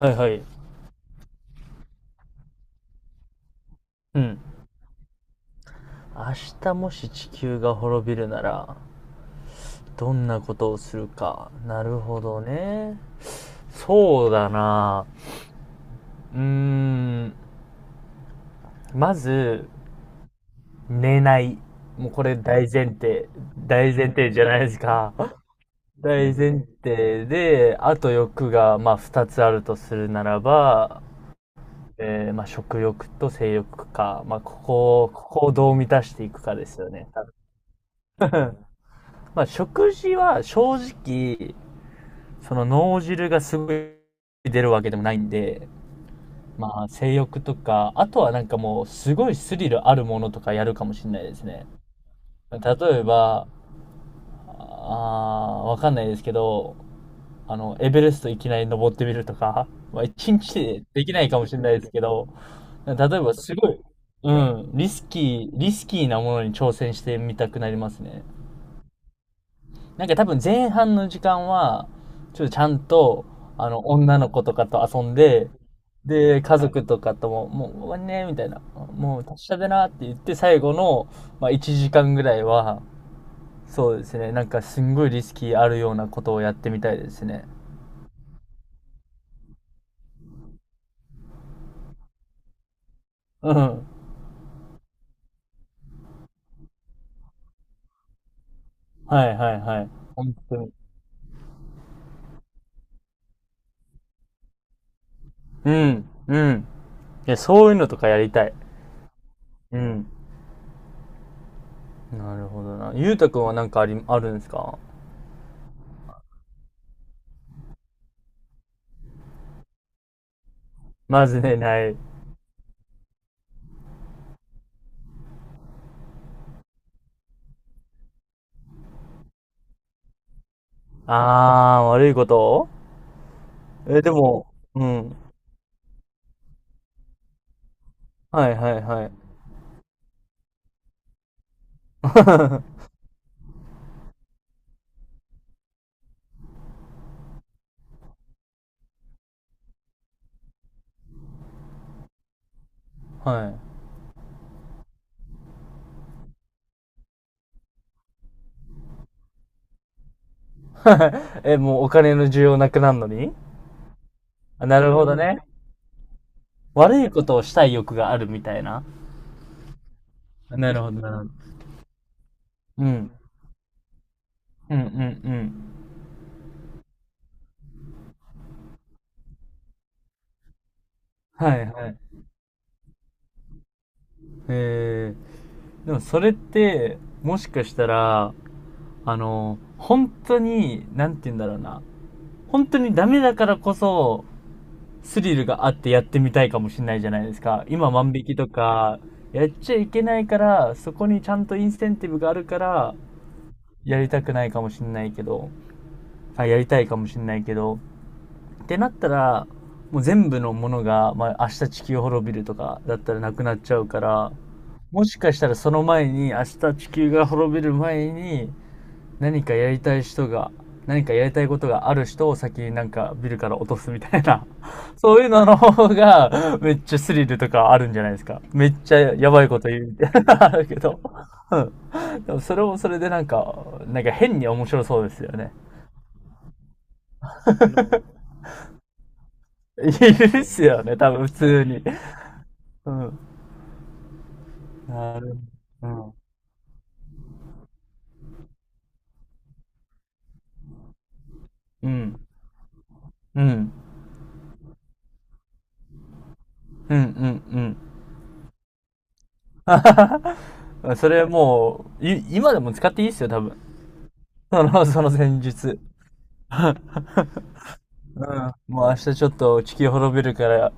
はいはい。うん。明日もし地球が滅びるなら、どんなことをするか。なるほどね。そうだな。うーん。まず、寝ない。もうこれ大前提。大前提じゃないですか。大前提で、あと欲が、まあ、二つあるとするならば、まあ、食欲と性欲か。まあ、ここをどう満たしていくかですよね。多分 まあ、食事は正直、その脳汁がすごい出るわけでもないんで、まあ性欲とか、あとはなんかもうすごいスリルあるものとかやるかもしれないですね。例えば、あーわかんないですけど、エベレストいきなり登ってみるとか、まあ一日でできないかもしれないですけど、例えばすごい、うん、リスキーなものに挑戦してみたくなりますね。なんか多分前半の時間は、ちょっとちゃんと、女の子とかと遊んで、で、家族とかとも、もう終わりね、みたいな、もう達者でなって言って、最後の、まあ、1時間ぐらいは、そうですね、なんかすんごいリスキーあるようなことをやってみたいですね。うん。はいはいはい。本当に。うん、うん。いや、そういうのとかやりたい。うん。なるほどな。ゆうたくんはなんかあるんですか。まずね、ない。あー、悪いこと。え、でも、うん。はいはいはい。はい。え、もうお金の需要なくなるのに。あ、なるほどね。悪いことをしたい欲があるみたいな。なるほどなるほど。うん。うんうんうん。はいはい。えー、でもそれって、もしかしたら、あの、本当に、なんて言うんだろうな。本当にダメだからこそ、スリルがあってやってみたいかもしれないじゃないですか。今万引きとか、やっちゃいけないから、そこにちゃんとインセンティブがあるから、やりたくないかもしれないけど、あ、やりたいかもしれないけど、ってなったら、もう全部のものが、まあ、明日地球滅びるとかだったらなくなっちゃうから、もしかしたらその前に、明日地球が滅びる前に、何かやりたい人が、何かやりたいことがある人を先になんかビルから落とすみたいな そういうのの方がめっちゃスリルとかあるんじゃないですか。めっちゃやばいこと言うみたいな あるけど うん。でもそれもそれでなんか、なんか変に面白そうですよね。いるっすよね、多分普通に。うん。なるほど。うん。うん。うん。うん。うん。うんそれもう、今でも使っていいっすよ、多分。その戦術。もう明日ちょっと地球滅びるから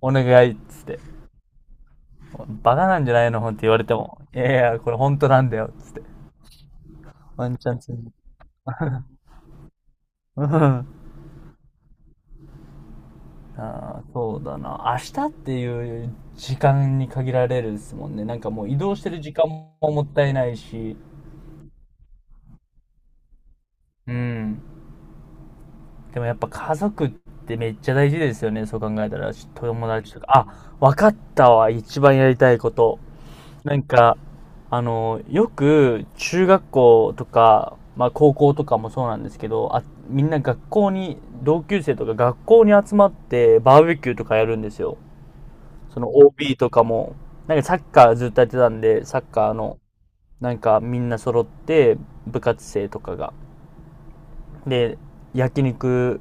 お願いっつって。バカなんじゃないのほんって言われても。いやいや、これ本当なんだよっつって。ワンチャンつに。うん。ああ、そうだな。明日っていう時間に限られるですもんね。なんかもう移動してる時間ももったいないし。うん。でもやっぱ家族ってめっちゃ大事ですよね。そう考えたら。友達とか。あ、わかったわ。一番やりたいこと。なんか、あの、よく中学校とか、まあ高校とかもそうなんですけど、あ、みんな学校に、同級生とか学校に集まってバーベキューとかやるんですよ。その OB とかも。なんかサッカーずっとやってたんで、サッカーの、なんかみんな揃って、部活生とかが。で、焼肉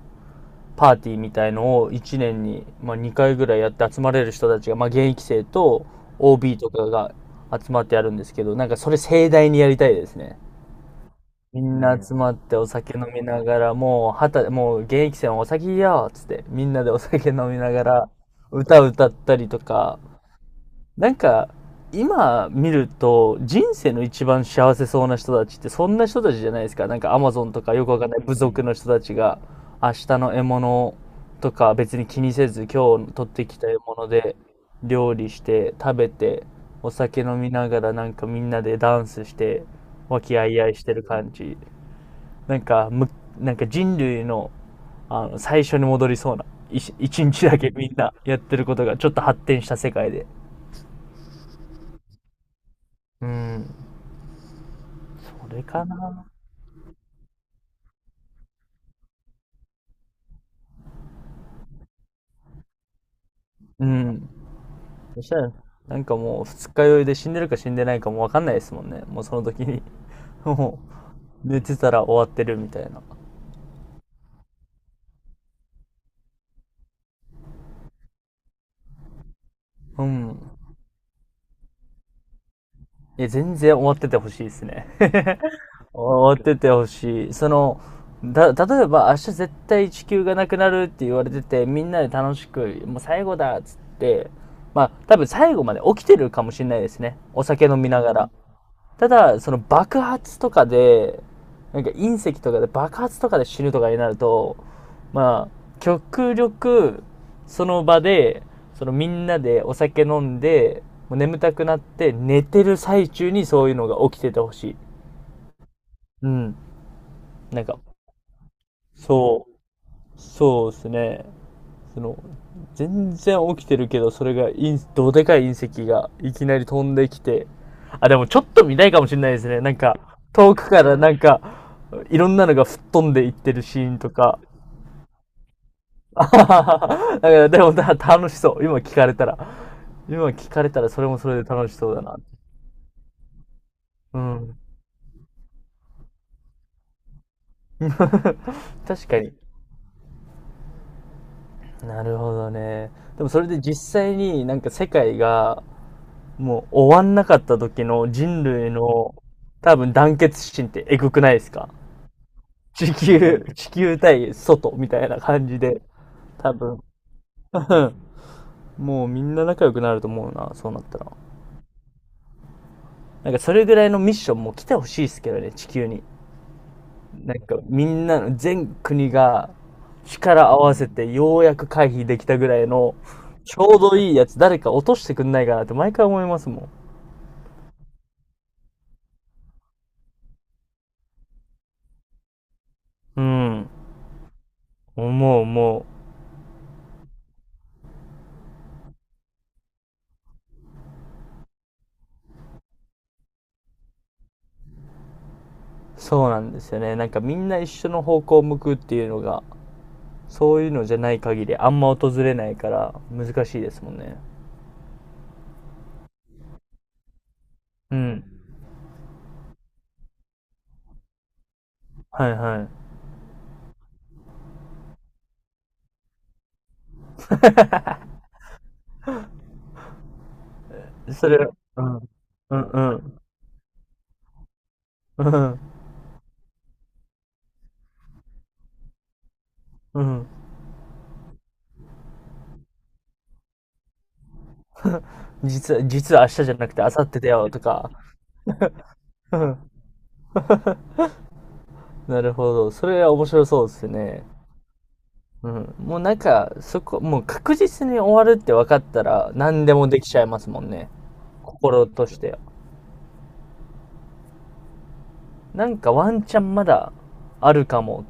パーティーみたいのを1年に、まあ、2回ぐらいやって集まれる人たちが、まあ、現役生と OB とかが集まってやるんですけど、なんかそれ盛大にやりたいですね。みんな集まってお酒飲みながら、もう現役生はお酒やーっつって、みんなでお酒飲みながら、歌歌ったりとか、なんか、今見ると、人生の一番幸せそうな人たちってそんな人たちじゃないですか。なんかアマゾンとかよくわかんない部族の人たちが、明日の獲物とか別に気にせず、今日取ってきた獲物で料理して、食べて、お酒飲みながらなんかみんなでダンスして、和気あいあいしてる感じ。なんか、む、なんか人類の、あの、最初に戻りそうな、一日だけみんなやってることがちょっと発展した世界で。うん。これかな。うん。そしたら、なんかもう二日酔いで死んでるか死んでないかもわかんないですもんね。もうその時に。もう、寝てたら終わってるみたいな。うん。いや、全然終わっててほしいですね。終わっててほしい。例えば明日絶対地球がなくなるって言われてて、みんなで楽しく、もう最後だっつって、まあ、多分最後まで起きてるかもしれないですね。お酒飲みながら。ただ、その爆発とかで、なんか隕石とかで爆発とかで死ぬとかになると、まあ、極力、その場で、そのみんなでお酒飲んで、もう眠たくなって寝てる最中にそういうのが起きててほしい。うん。なんか、そそうですね。その全然起きてるけどそれがどでかい隕石がいきなり飛んできて、あでもちょっと見たいかもしれないですね、なんか遠くからなんかいろんなのが吹っ飛んでいってるシーンとか。 だからでもだ楽しそう、今聞かれたらそれもそれで楽しそうだな。うん。 確かに。なるほどね。でもそれで実際になんか世界がもう終わんなかった時の人類の多分団結心ってえぐくないですか。地球、地球対外みたいな感じで、多分。もうみんな仲良くなると思うな、そうなったら。なんかそれぐらいのミッションも来てほしいですけどね、地球に。なんかみんなの全国が力合わせてようやく回避できたぐらいのちょうどいいやつ誰か落としてくんないかなって毎回思いますもん。うん。思う。そうなんですよね、なんかみんな一緒の方向を向くっていうのがそういうのじゃない限りあんま訪れないから難しいですもんね。うん。はいはい。 それ。うんうんうんうんうん。実は明日じゃなくて明後日だよとか。うん。なるほど、それは面白そうですね。うん、もうなんかそこもう確実に終わるって分かったら何でもできちゃいますもんね、心としては。なんかワンチャンまだあるかも。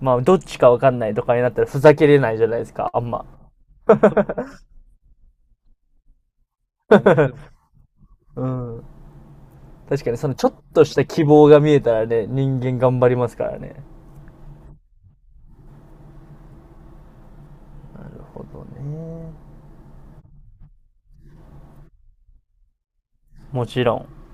まあ、どっちかわかんないとかになったらふざけれないじゃないですか、あんま。うん。確かに、そのちょっとした希望が見えたらね、人間頑張りますからね。なるほどね。もちろん。